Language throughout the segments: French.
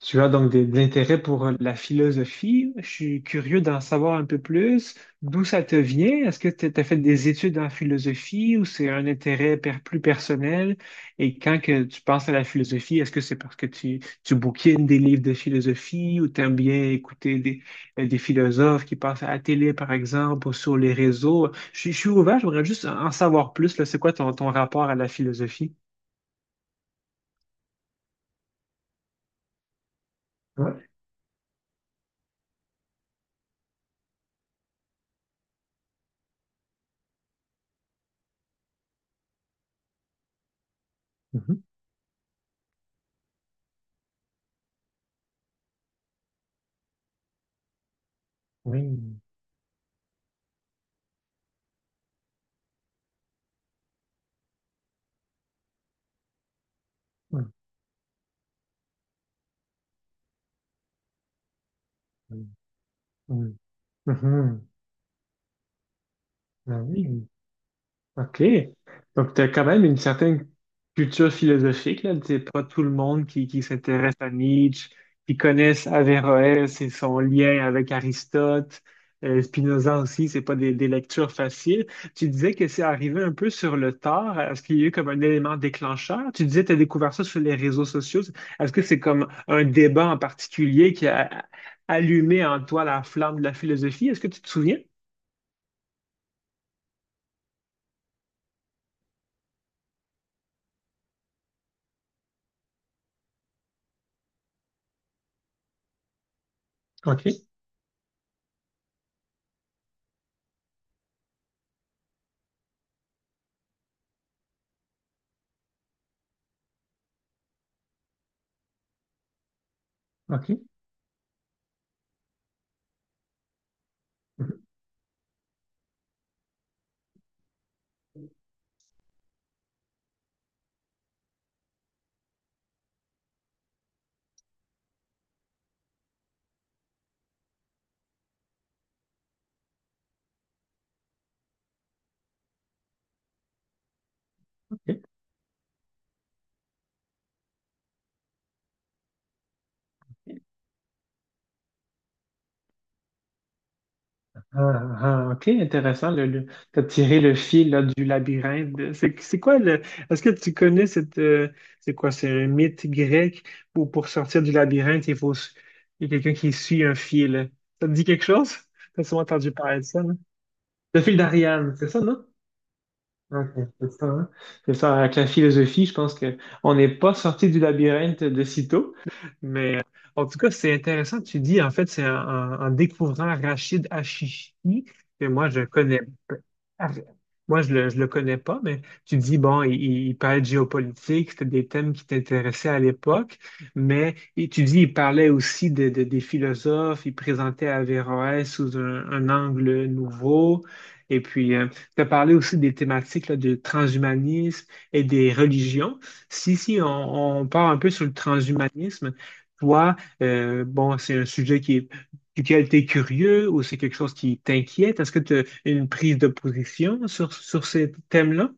Tu as donc de l'intérêt pour la philosophie. Je suis curieux d'en savoir un peu plus. D'où ça te vient? Est-ce que tu as fait des études en philosophie ou c'est un intérêt plus personnel? Et quand que tu penses à la philosophie, est-ce que c'est parce que tu bouquines des livres de philosophie ou t'aimes bien écouter des philosophes qui passent à la télé, par exemple, ou sur les réseaux? Je suis ouvert, j'aimerais juste en savoir plus, là. C'est quoi ton rapport à la philosophie? Ouais. Mhm. Oui. Oui. Oui. Mhm. Ah oui, OK. Donc, tu as quand même une certaine culture philosophique, là. C'est pas tout le monde qui s'intéresse à Nietzsche, qui connaissent Averroès et son lien avec Aristote, Spinoza aussi, c'est pas des lectures faciles. Tu disais que c'est arrivé un peu sur le tard. Est-ce qu'il y a eu comme un élément déclencheur? Tu disais que tu as découvert ça sur les réseaux sociaux. Est-ce que c'est comme un débat en particulier qui a allumé en toi la flamme de la philosophie? Est-ce que tu te souviens? OK, OK. Mhm, OK. Ah, ah, ok, intéressant. T'as tiré le fil là, du labyrinthe. C'est quoi le. Est-ce que tu connais cette. C'est quoi? C'est un mythe grec où pour sortir du labyrinthe, il faut. Il y a quelqu'un qui suit un fil. Ça te dit quelque chose? T'as souvent entendu parler de ça, non? Le fil d'Ariane, c'est ça, non? Ok, c'est ça, hein. C'est ça, avec la philosophie, je pense que on n'est pas sorti du labyrinthe de sitôt, mais en tout cas, c'est intéressant, tu dis, en fait, c'est en découvrant Rachid Hachichi, que moi, je connais, p- ar- moi, je le connais pas, mais tu dis, bon, il parlait de géopolitique, c'était des thèmes qui t'intéressaient à l'époque, mais et tu dis, il parlait aussi des philosophes, il présentait Averroès sous un angle nouveau, et puis, tu as parlé aussi des thématiques là, de transhumanisme et des religions. Si, si, on part un peu sur le transhumanisme, toi, bon, c'est un sujet qui est, duquel tu es curieux ou c'est quelque chose qui t'inquiète. Est-ce que tu as une prise de position sur ces thèmes-là?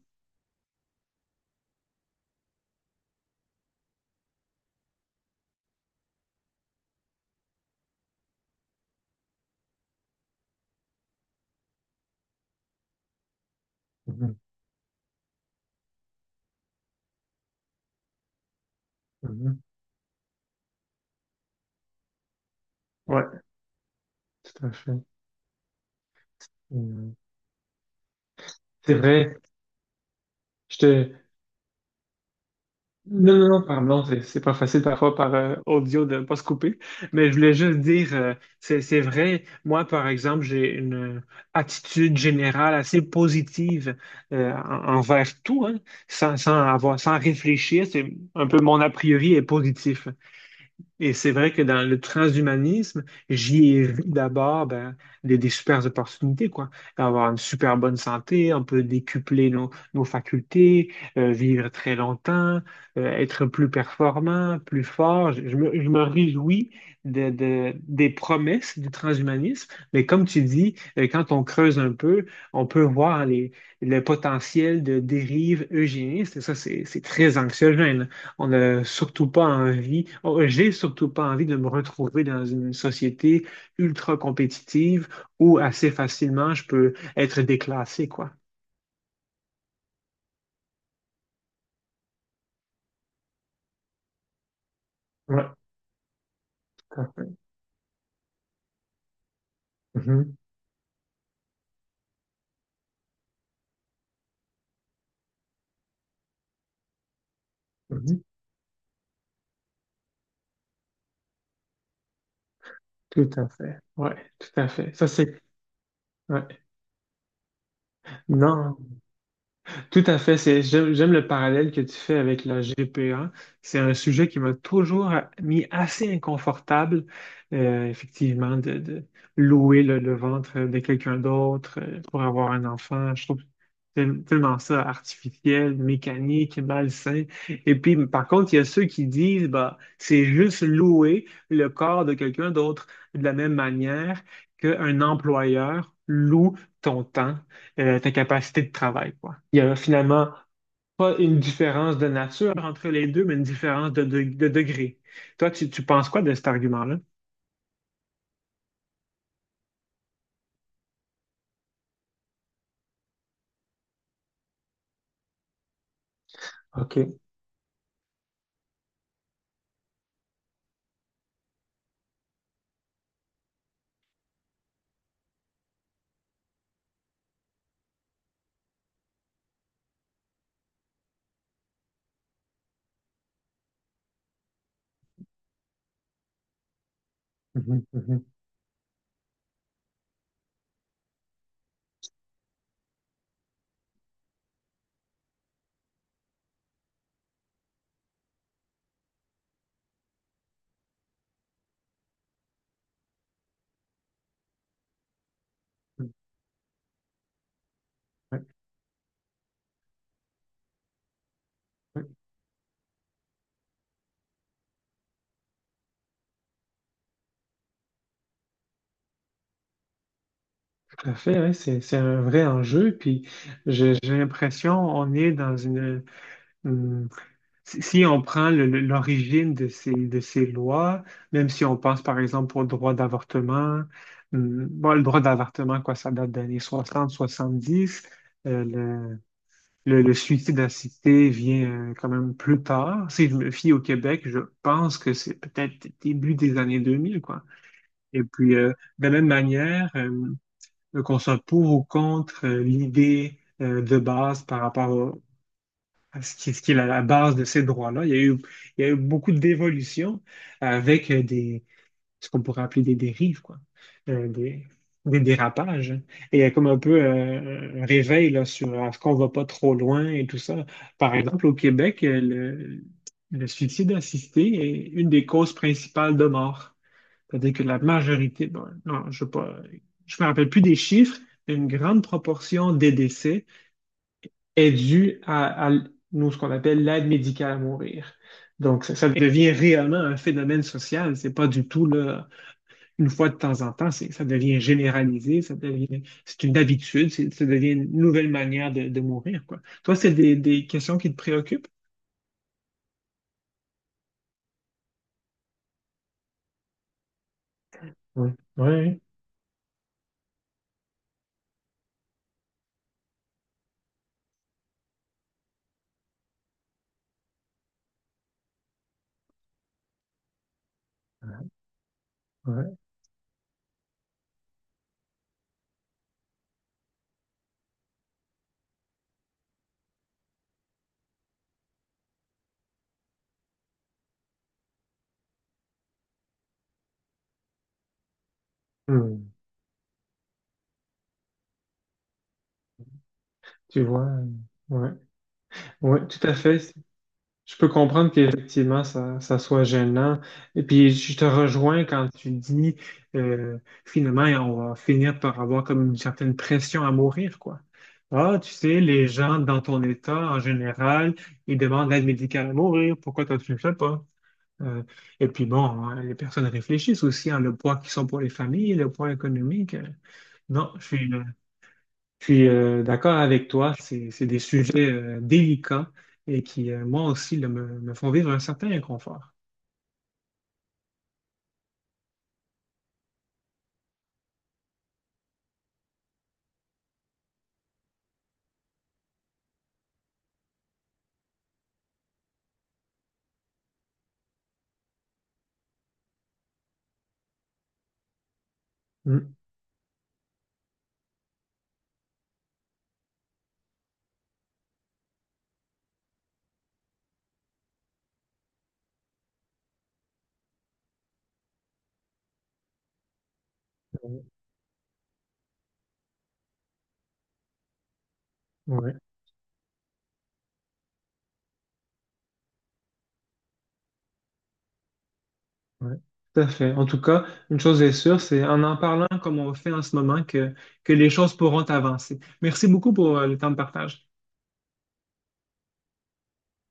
Mhm, mhm. Ouais, tout à fait. Mm. C'est vrai, je te. Non, non, non, pardon, c'est pas facile parfois par audio de pas se couper, mais je voulais juste dire, c'est vrai, moi par exemple, j'ai une attitude générale assez positive envers tout, hein, sans avoir, sans réfléchir, c'est un peu mon a priori est positif. Et c'est vrai que dans le transhumanisme, j'y ai vu d'abord ben, des super opportunités, quoi. Avoir une super bonne santé, on peut décupler nos facultés, vivre très longtemps, être plus performant, plus fort. Je me réjouis des promesses du transhumanisme, mais comme tu dis, quand on creuse un peu, on peut voir le potentiel de dérive eugéniste, et ça, c'est très anxiogène. On n'a surtout pas envie, oh, j'ai surtout pas envie de me retrouver dans une société ultra compétitive où assez facilement je peux être déclassé, quoi. Ouais, tout à fait. Mhm, mhm. Tout à fait. Ouais, tout à fait. Ça, c'est. Ouais. Non. Tout à fait. C'est, j'aime le parallèle que tu fais avec la GPA. C'est un sujet qui m'a toujours mis assez inconfortable, effectivement, de louer le ventre de quelqu'un d'autre pour avoir un enfant. Je trouve tellement ça artificiel, mécanique, malsain. Et puis, par contre, il y a ceux qui disent, bah, c'est juste louer le corps de quelqu'un d'autre de la même manière qu'un employeur loue ton temps ta capacité de travail, quoi. Il y a finalement pas une différence de nature entre les deux, mais une différence de degré. Toi, tu penses quoi de cet argument-là? OK. Mhm, mhm, mhm. Ouais, ouais, tout à fait, ouais, c'est un vrai enjeu. Puis j'ai l'impression on est dans une- si si on prend l'origine de de ces lois, même si on pense par exemple au droit d'avortement, bon, le droit d'avortement, quoi, ça date des années 60-70. Le suicide assisté vient quand même plus tard. Si je me fie au Québec, je pense que c'est peut-être début des années 2000, quoi. Et puis, de la même manière, qu'on soit pour ou contre l'idée de base par rapport à ce ce qui est la base de ces droits-là, il y a eu, il y a eu beaucoup d'évolutions avec ce qu'on pourrait appeler des dérives, quoi. Euh, des, des dérapages, hein. Et il y a comme un peu un réveil là, sur est-ce qu'on va pas trop loin et tout ça. Par exemple, au Québec, le suicide assisté est une des causes principales de mort. C'est-à-dire que la majorité, bon, non, je ne pas, je me rappelle plus des chiffres, mais une grande proportion des décès est due à nous, ce qu'on appelle l'aide médicale à mourir. Donc, ça devient réellement un phénomène social. C'est pas du tout là, une fois de temps en temps, ça devient généralisé, ça devient, c'est une habitude, ça devient une nouvelle manière de mourir, quoi. Toi, c'est des questions qui te préoccupent? Oui, oui, oui. Ouais. Hmm. Tu vois, ouais, oui, tout à fait. Je peux comprendre qu'effectivement, ça soit gênant. Et puis, je te rejoins quand tu dis, euh, finalement, on va finir par avoir comme une certaine pression à mourir, quoi. Ah, tu sais, les gens dans ton état, en général, ils demandent l'aide médicale à mourir. Pourquoi toi, tu ne le fais pas? Euh, et puis, bon, hein, les personnes réfléchissent aussi, à le poids qu'ils sont pour les familles, le poids économique. Non, je suis, Je suis d'accord avec toi, c'est des sujets délicats et qui, moi aussi, là, me font vivre un certain inconfort. Mm. Ouais, ouais. Tout à fait. En tout cas, une chose est sûre, c'est en en parlant comme on fait en ce moment que les choses pourront avancer. Merci beaucoup pour le temps de partage.